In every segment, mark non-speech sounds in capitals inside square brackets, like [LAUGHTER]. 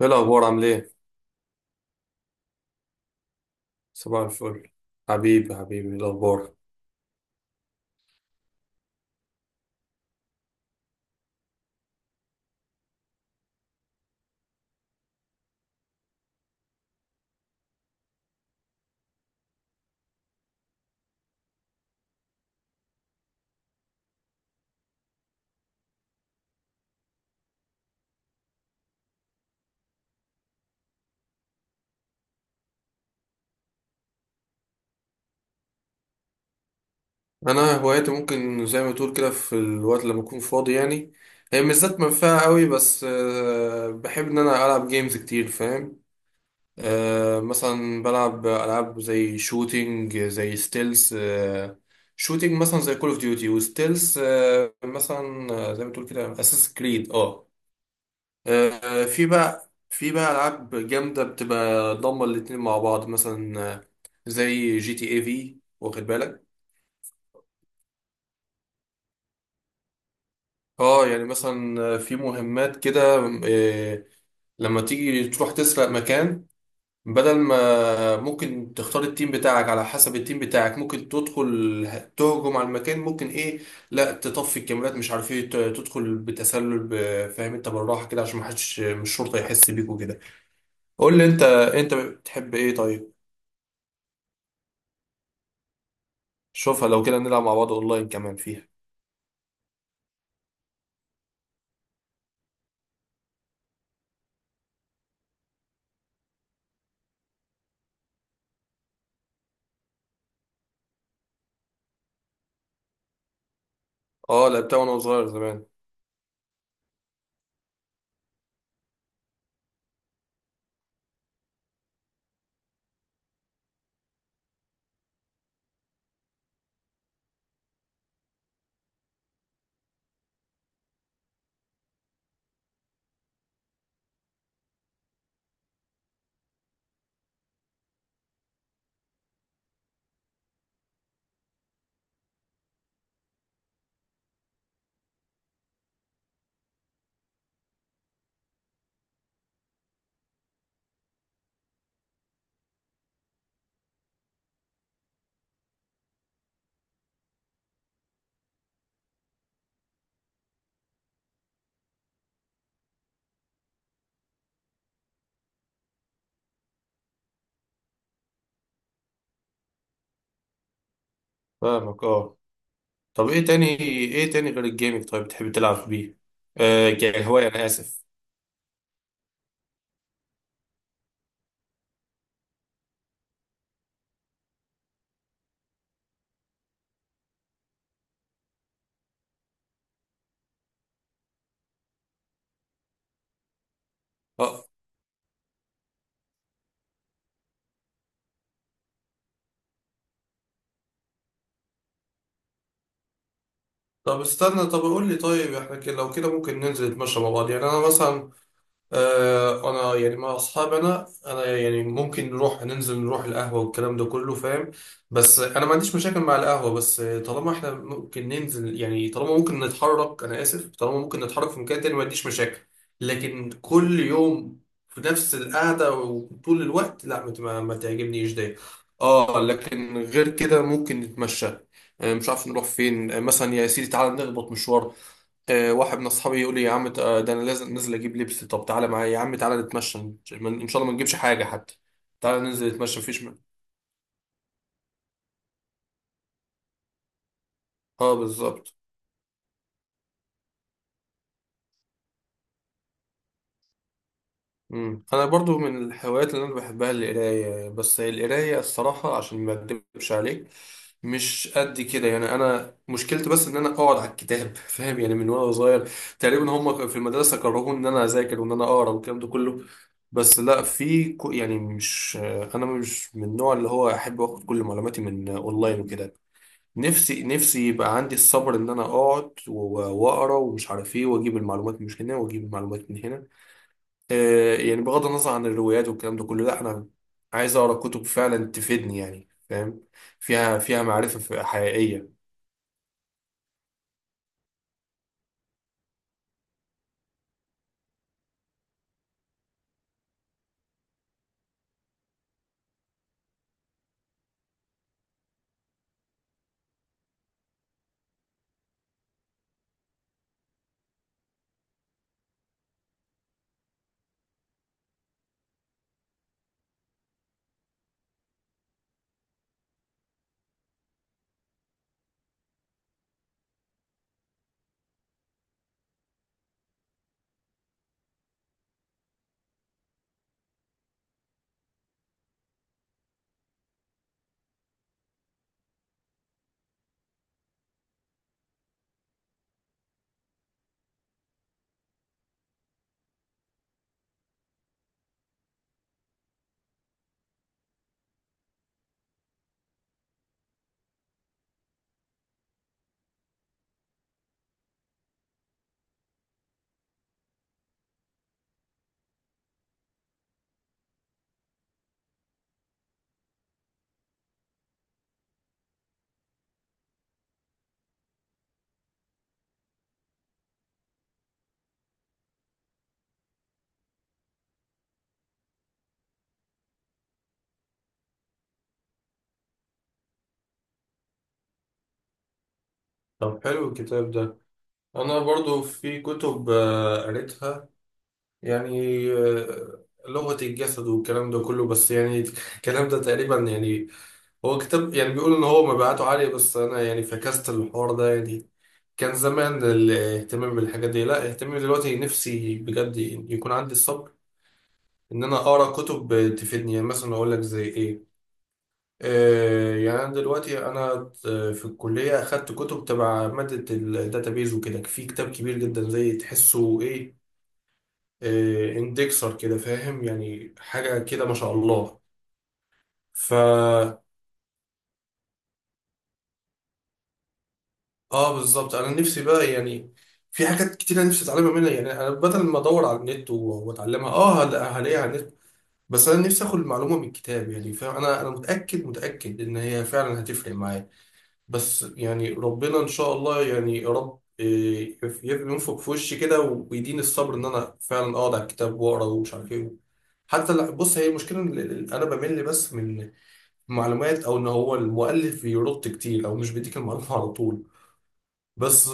ايه الاخبار، عامل ايه؟ صباح الفل. حبيبي حبيبي، إيه الاخبار؟ انا هوايتي ممكن زي ما تقول كده في الوقت لما اكون فاضي يعني. هي مش ذات منفعه قوي، بس بحب ان انا العب جيمز كتير، فاهم. مثلا بلعب العاب زي شوتينج، زي ستيلز. شوتينج مثلا زي كول اوف ديوتي وستيلز، مثلا زي ما تقول كده اساس كريد اه في بقى العاب جامده بتبقى ضامه الاتنين مع بعض، مثلا زي جي تي اي في، واخد بالك. اه، يعني مثلا في مهمات كده، آه، لما تيجي تروح تسرق مكان. بدل ما ممكن تختار التيم بتاعك، على حسب التيم بتاعك ممكن تدخل تهجم على المكان، ممكن ايه، لا تطفي الكاميرات، مش عارف ايه، تدخل بتسلل، فاهم انت، بالراحه كده عشان ما حدش من الشرطه يحس بيك وكده. قول لي انت، بتحب ايه طيب؟ شوفها، لو كده نلعب مع بعض اونلاين كمان فيها. اه، لعبتها وانا صغير زمان. فاهمك اه. طب ايه تاني، غير الجيمنج طيب، بتحب تلعب بيه كهواية؟ انا اسف. اه، طب استنى، طب قول لي، طيب احنا كده لو كده ممكن ننزل نتمشى مع بعض، يعني انا مثلا، انا يعني مع اصحابي، انا يعني ممكن نروح ننزل نروح القهوه والكلام ده كله، فاهم. بس انا ما عنديش مشاكل مع القهوه، بس طالما احنا ممكن ننزل، يعني طالما ممكن نتحرك، انا اسف، طالما ممكن نتحرك في مكان تاني ما عنديش مشاكل. لكن كل يوم في نفس القعده وطول الوقت، لا، ما تعجبنيش ده. اه، لكن غير كده ممكن نتمشى، مش عارف نروح فين، مثلا يا سيدي تعالى نخبط مشوار. واحد من اصحابي يقول لي يا عم، ده انا لازم نازل اجيب لبس، طب تعالى معايا يا عم، تعالى نتمشى، ان شاء الله ما نجيبش حاجه حتى. تعالى ننزل نتمشى مفيش. اه بالظبط. مم. انا برضو من الهوايات اللي انا بحبها القرايه، بس القرايه الصراحه، عشان ما اكدبش عليك، مش قد كده. يعني انا مشكلتي بس ان انا اقعد على الكتاب [LAUGHS] فاهم، يعني من وانا صغير تقريبا، هم في المدرسه كرهوني ان انا اذاكر وان انا اقرا والكلام ده كله. بس لا، في يعني مش، انا مش من النوع اللي هو احب اخد كل معلوماتي من اونلاين وكده. نفسي يبقى عندي الصبر ان انا اقعد واقرا، ومش عارف ايه، واجيب المعلومات من هنا، واجيب المعلومات من هنا. يعني بغض النظر عن الروايات والكلام ده كله، لا، انا عايز اقرا كتب فعلا تفيدني، يعني فاهم، فيها معرفة حقيقية. طب حلو الكتاب ده. انا برضو في كتب قريتها، يعني لغة الجسد والكلام ده كله، بس يعني [LAUGHS] الكلام ده تقريبا يعني، هو كتاب يعني بيقول ان هو مبيعاته عالية، بس انا يعني فكست الحوار ده يعني. كان زمان الاهتمام بالحاجات دي، لا، اهتمامي دلوقتي، نفسي بجد يكون عندي الصبر ان انا اقرا كتب تفيدني، يعني مثلا اقول لك زي ايه. يعني انا دلوقتي انا، في الكليه اخدت كتب تبع ماده الداتابيز وكده، في كتاب كبير جدا زي تحسه ايه، اندكسر كده، فاهم، يعني حاجه كده ما شاء الله. فا اه بالظبط. انا نفسي بقى، يعني في حاجات كتير انا نفسي اتعلمها منها، يعني انا بدل ما ادور على النت واتعلمها، اه هلاقيها على النت، بس انا نفسي اخد المعلومه من الكتاب، يعني فاهم، انا متاكد متاكد ان هي فعلا هتفرق معايا. بس يعني ربنا ان شاء الله، يعني يا رب ينفخ في وشي كده ويديني الصبر ان انا فعلا اقعد على الكتاب واقرا ومش عارف ايه. حتى لا، بص، هي المشكله إن انا بمل بس من معلومات، او ان هو المؤلف بيرد كتير، او مش بيديك المعلومه على طول. بس.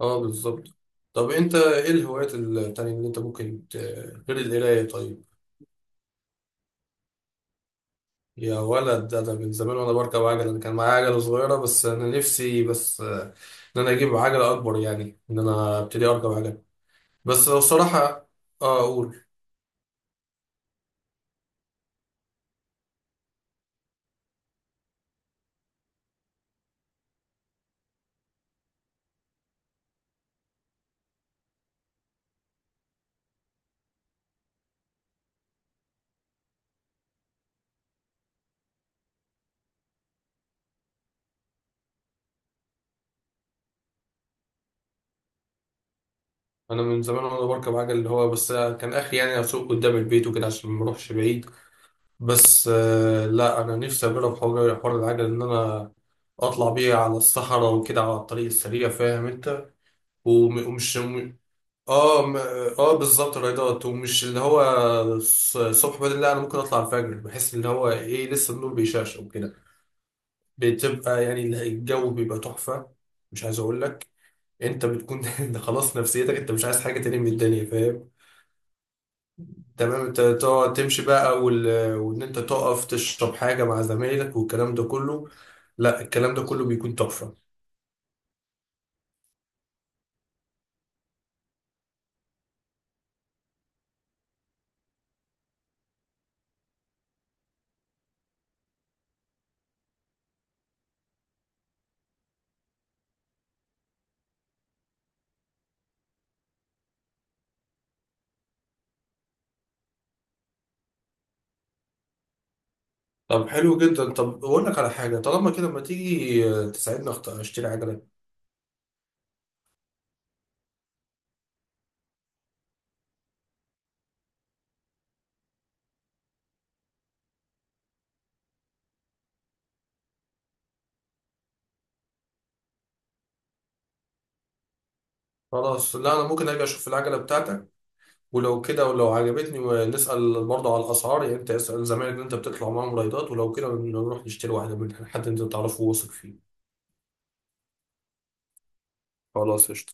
اه بالظبط. طب انت ايه الهوايات التانية اللي انت ممكن غير القرايه طيب؟ يا ولد، ده من زمان وانا بركب عجل، انا كان معايا عجله صغيره، بس انا نفسي بس ان انا اجيب عجله اكبر، يعني ان انا ابتدي اركب عجل. بس لو الصراحه، اه اقول، انا من زمان وانا بركب عجل، اللي هو بس كان اخري يعني اسوق قدام البيت وكده عشان ما اروحش بعيد. بس لا، انا نفسي اجرب حوار، العجل، ان انا اطلع بيه على الصحراء وكده، على الطريق السريع، فاهم انت، ومش، اه اه بالظبط، الرياضات، ومش اللي هو الصبح بدري، لا، انا ممكن اطلع الفجر، بحس ان هو ايه، لسه النور بيشعشع وكده، بتبقى يعني الجو بيبقى تحفه. مش عايز اقول لك، انت بتكون [LAUGHS] انت خلاص، نفسيتك انت مش عايز حاجه تاني من الدنيا، فاهم. تمام، انت تقعد تمشي بقى، وان انت تقف تشرب حاجه مع زمايلك والكلام ده كله، لا، الكلام ده كله بيكون تحفه. طب حلو جدا، طب اقول لك على حاجه، طالما كده ما تيجي تساعدني، اشتري عجله. خلاص، لا، انا ممكن اجي اشوف العجله بتاعتك، ولو كده، ولو عجبتني، نسال برضه على الاسعار، يعني انت اسال زمايلك اللي انت بتطلع معاهم رايدات، ولو كده نروح نشتري واحده من حد انت تعرفه واثق فيه. خلاص، قشطه.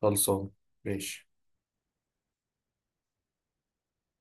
خلصان. ماشي.